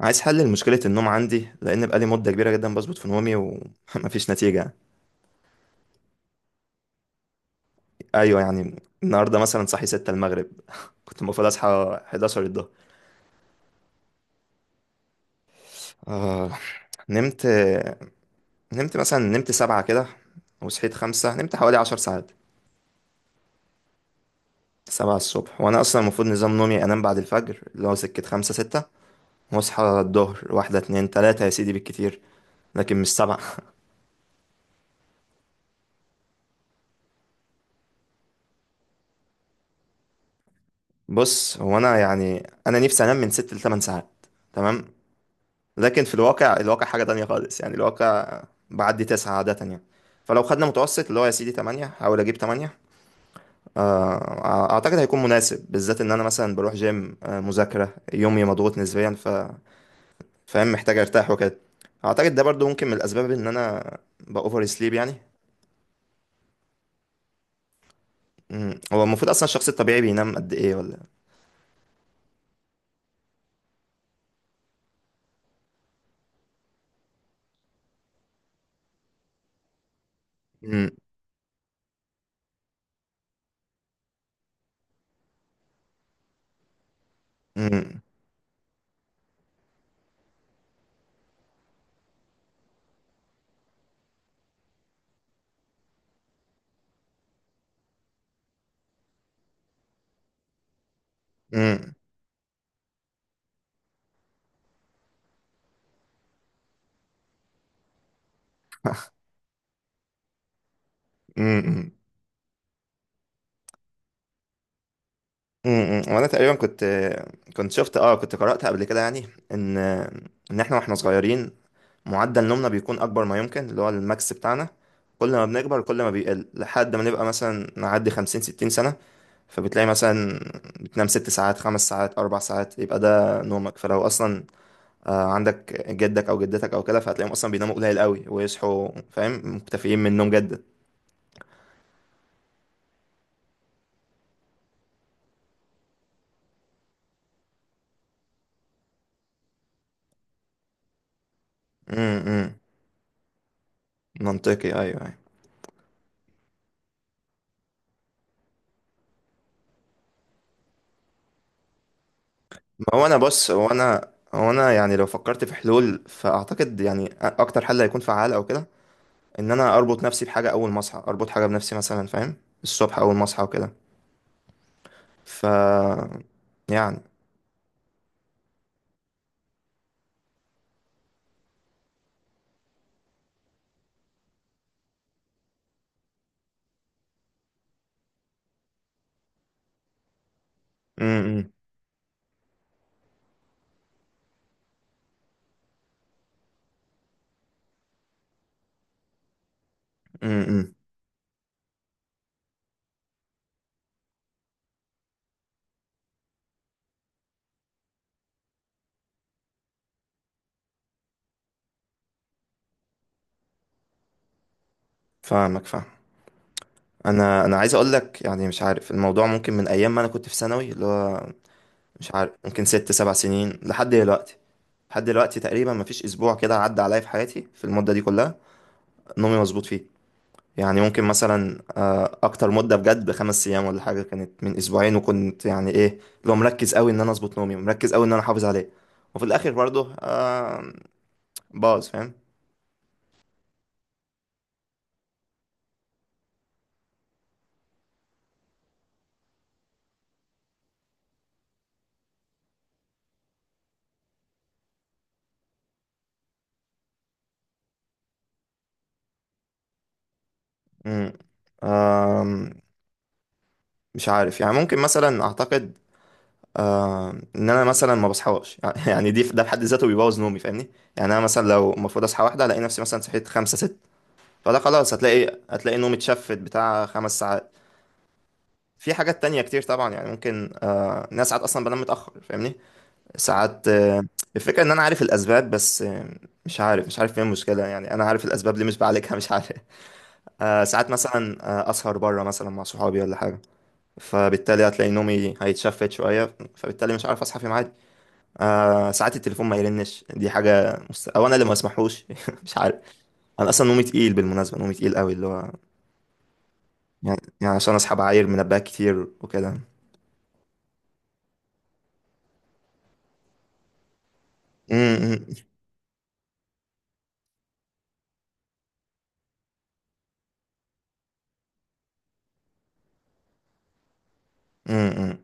عايز حل لمشكلة النوم عندي لأن بقالي مدة كبيرة جدا بظبط في نومي ومفيش نتيجة. أيوة يعني. النهاردة مثلا صحي ستة المغرب، كنت المفروض أصحى 11 الظهر. آه، نمت. نمت مثلا نمت سبعة كده وصحيت خمسة، نمت حوالي 10 ساعات. سبعة الصبح، وأنا أصلا المفروض نظام نومي أنام بعد الفجر اللي هو سكة خمسة ستة، وأصحى الظهر واحدة اتنين تلاتة يا سيدي بالكتير، لكن مش سبعة. بص، هو أنا نفسي أنام من ست لتمن ساعات، تمام. لكن في الواقع حاجة تانية خالص، يعني الواقع بعدي تسعة عادة يعني. فلو خدنا متوسط اللي هو يا سيدي تمانية، أحاول أجيب تمانية. أعتقد هيكون مناسب، بالذات إن أنا مثلا بروح جيم، مذاكرة يومي مضغوط نسبيا، فاهم محتاج أرتاح وكده. أعتقد ده برضو ممكن من الأسباب إن أنا بأوفر سليب يعني. مم. هو المفروض أصلا الشخص الطبيعي بينام قد إيه ولا؟ مم. مم. مم. مم. وانا تقريبا كنت كنت شفت اه كنت قرأت قبل كده، يعني ان احنا واحنا صغيرين، معدل نومنا بيكون اكبر ما يمكن، اللي هو الماكس بتاعنا. كل ما بنكبر كل ما بيقل، لحد ما نبقى مثلا نعدي 50 60 سنة. فبتلاقي مثلا بتنام 6 ساعات، 5 ساعات، 4 ساعات، يبقى ده نومك. فلو اصلا عندك جدك او جدتك او كده، فهتلاقيهم اصلا بيناموا قليل قوي ويصحوا، فاهم، مكتفيين من النوم جدا. امم، إمم. منطقي، ايوه، أيوه. ما هو انا، بص هو انا هو انا يعني لو فكرت في حلول، فاعتقد يعني اكتر حل هيكون فعال او كده، ان انا اربط نفسي بحاجه، اول ما اصحى اربط حاجه بنفسي مثلا، فاهم، الصبح اول ما اصحى وكده. ف يعني. امم. امم. فاهمك، فاهم. انا عايز اقول لك يعني، مش عارف، الموضوع ممكن من ايام ما انا كنت في ثانوي اللي هو، مش عارف، ممكن ست سبع سنين لحد دلوقتي. لحد دلوقتي تقريبا مفيش اسبوع كده عدى عليا في حياتي في المده دي كلها نومي مظبوط فيه. يعني ممكن مثلا اكتر مده بجد بـ5 ايام ولا حاجه كانت من اسبوعين، وكنت يعني ايه، لو مركز قوي ان انا اظبط نومي، مركز قوي ان انا احافظ عليه، وفي الاخر برضه باظ، فاهم. مم. آم، مش عارف يعني، ممكن مثلا اعتقد ان انا مثلا ما بصحاش يعني، ده في حد ذاته بيبوظ نومي، فاهمني. يعني انا مثلا لو المفروض اصحى واحده، الاقي نفسي مثلا صحيت خمسة ست، فده خلاص، هتلاقي نومي اتشفت، بتاع 5 ساعات. في حاجات تانية كتير طبعا، يعني ممكن، ناس ساعات أصلا بنام متأخر، فاهمني. ساعات الفكرة إن أنا عارف الأسباب، بس مش عارف فين المشكلة، يعني أنا عارف الأسباب، ليه مش بعالجها، مش عارف. ساعات مثلا أسهر بره مثلا مع صحابي ولا حاجة، فبالتالي هتلاقي نومي هيتشفت شوية، فبالتالي مش عارف أصحى في ميعادي. ساعات التليفون ما يرنش، دي حاجة أو أنا اللي ما أسمحوش. مش عارف. أنا أصلا نومي تقيل بالمناسبة، نومي تقيل قوي، اللي هو يعني عشان أصحى بعاير منبهات كتير وكده. امم.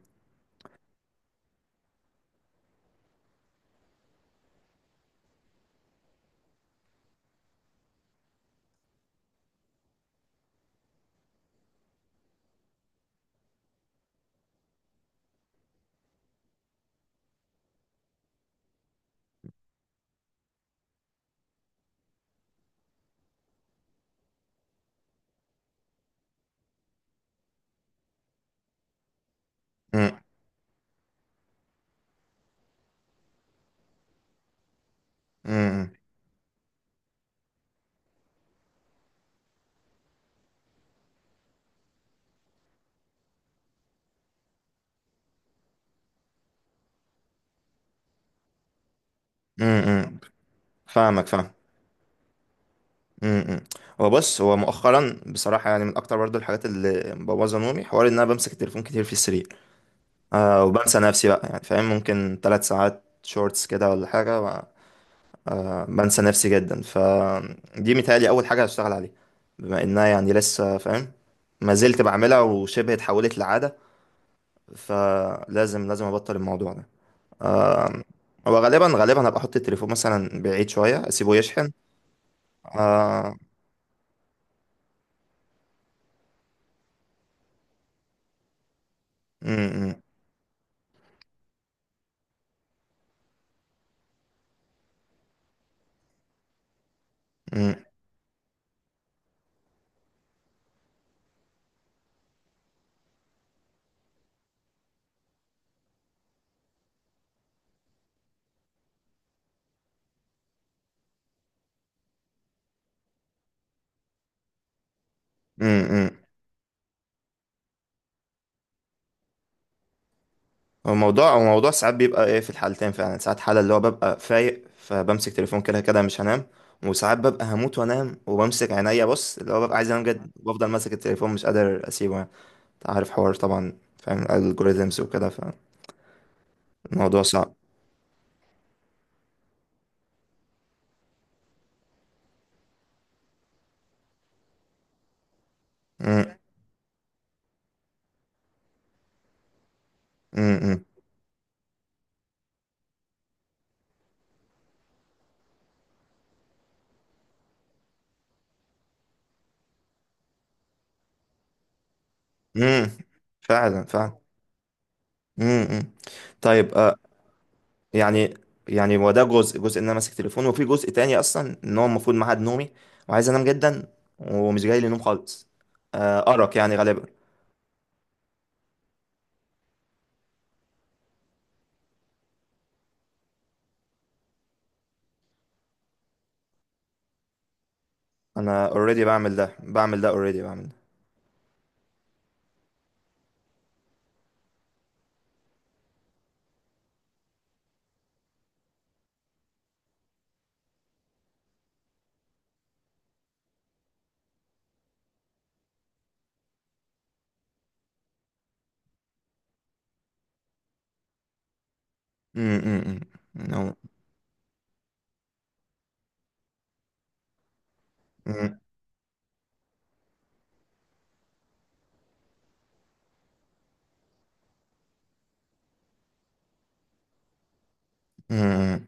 امم. امم. امم. امم. فاهمك، فاهم. امم، بص، هو مؤخرا بصراحه، يعني من اكتر برضو الحاجات اللي مبوظه نومي، حوار ان انا بمسك التليفون كتير في السرير، وبنسى نفسي بقى، يعني فاهم، ممكن 3 ساعات شورتس كده ولا حاجه بنسى نفسي جدا، فدي متهيألي اول حاجه هشتغل عليها، بما انها يعني لسه، فاهم، ما زلت بعملها وشبه اتحولت لعاده، فلازم ابطل الموضوع ده. هو غالبا هبقى احط التليفون مثلا بعيد شويه اسيبه يشحن. آه. امم، امم. امم. امم. امم. هو الموضوع ساعات بيبقى ايه في الحالتين، فعلا، ساعات حالة اللي هو ببقى فايق فبمسك تليفون، كده كده مش هنام. وساعات ببقى هموت وانام وبمسك عينيا، بص اللي هو ببقى عايز انام جد، بفضل ماسك التليفون مش قادر اسيبه يعني. انت عارف حوار طبعا، فاهم الالجوريزمز وكده. فالموضوع صعب. امم. امم. امم. امم. فعلا، فعلا. امم، طيب، يعني، يعني هو ده جزء ان انا ماسك تليفون، وفي جزء تاني اصلا ان هو المفروض ميعاد نومي وعايز انام جدا ومش جاي لي نوم خالص، ارق يعني غالبا. انا اوريدي بعمل ده بعمل ده اوريدي بعمل ده امم. امم. أمم. أمم، أمم،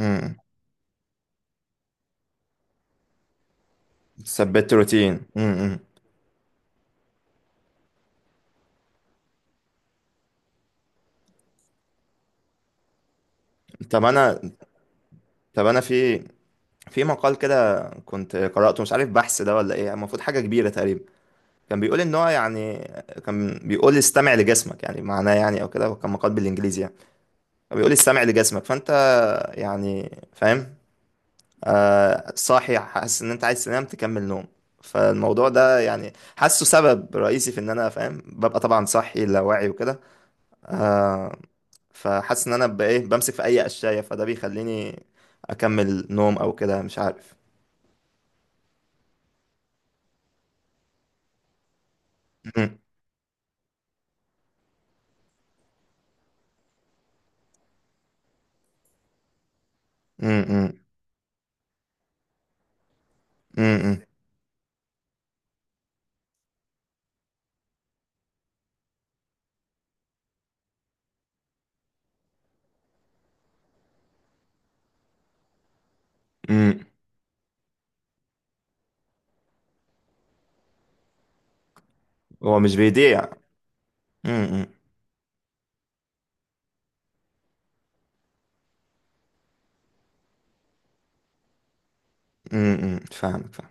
أمم. ثبت روتين. أمم، أمم. طب انا طب انا في مقال كده كنت قرأته، مش عارف بحث ده ولا ايه، المفروض حاجة كبيرة تقريبا، كان بيقول ان هو يعني، كان بيقول استمع لجسمك، يعني معناه يعني او كده، وكان مقال بالانجليزي يعني، بيقول السمع لجسمك، فانت يعني فاهم، صاحي حاسس ان انت عايز تنام، تكمل نوم. فالموضوع ده يعني، حاسه سبب رئيسي في ان انا فاهم ببقى طبعا صاحي لا واعي وكده. آه فحاسس ان انا ببقى ايه، بمسك في اي قشاية، فده بيخليني اكمل نوم او كده، مش عارف. مم. مم. مم. مم. مم. هو مش بيضيع. مم. مم. مم. فاهمك، فاهمك.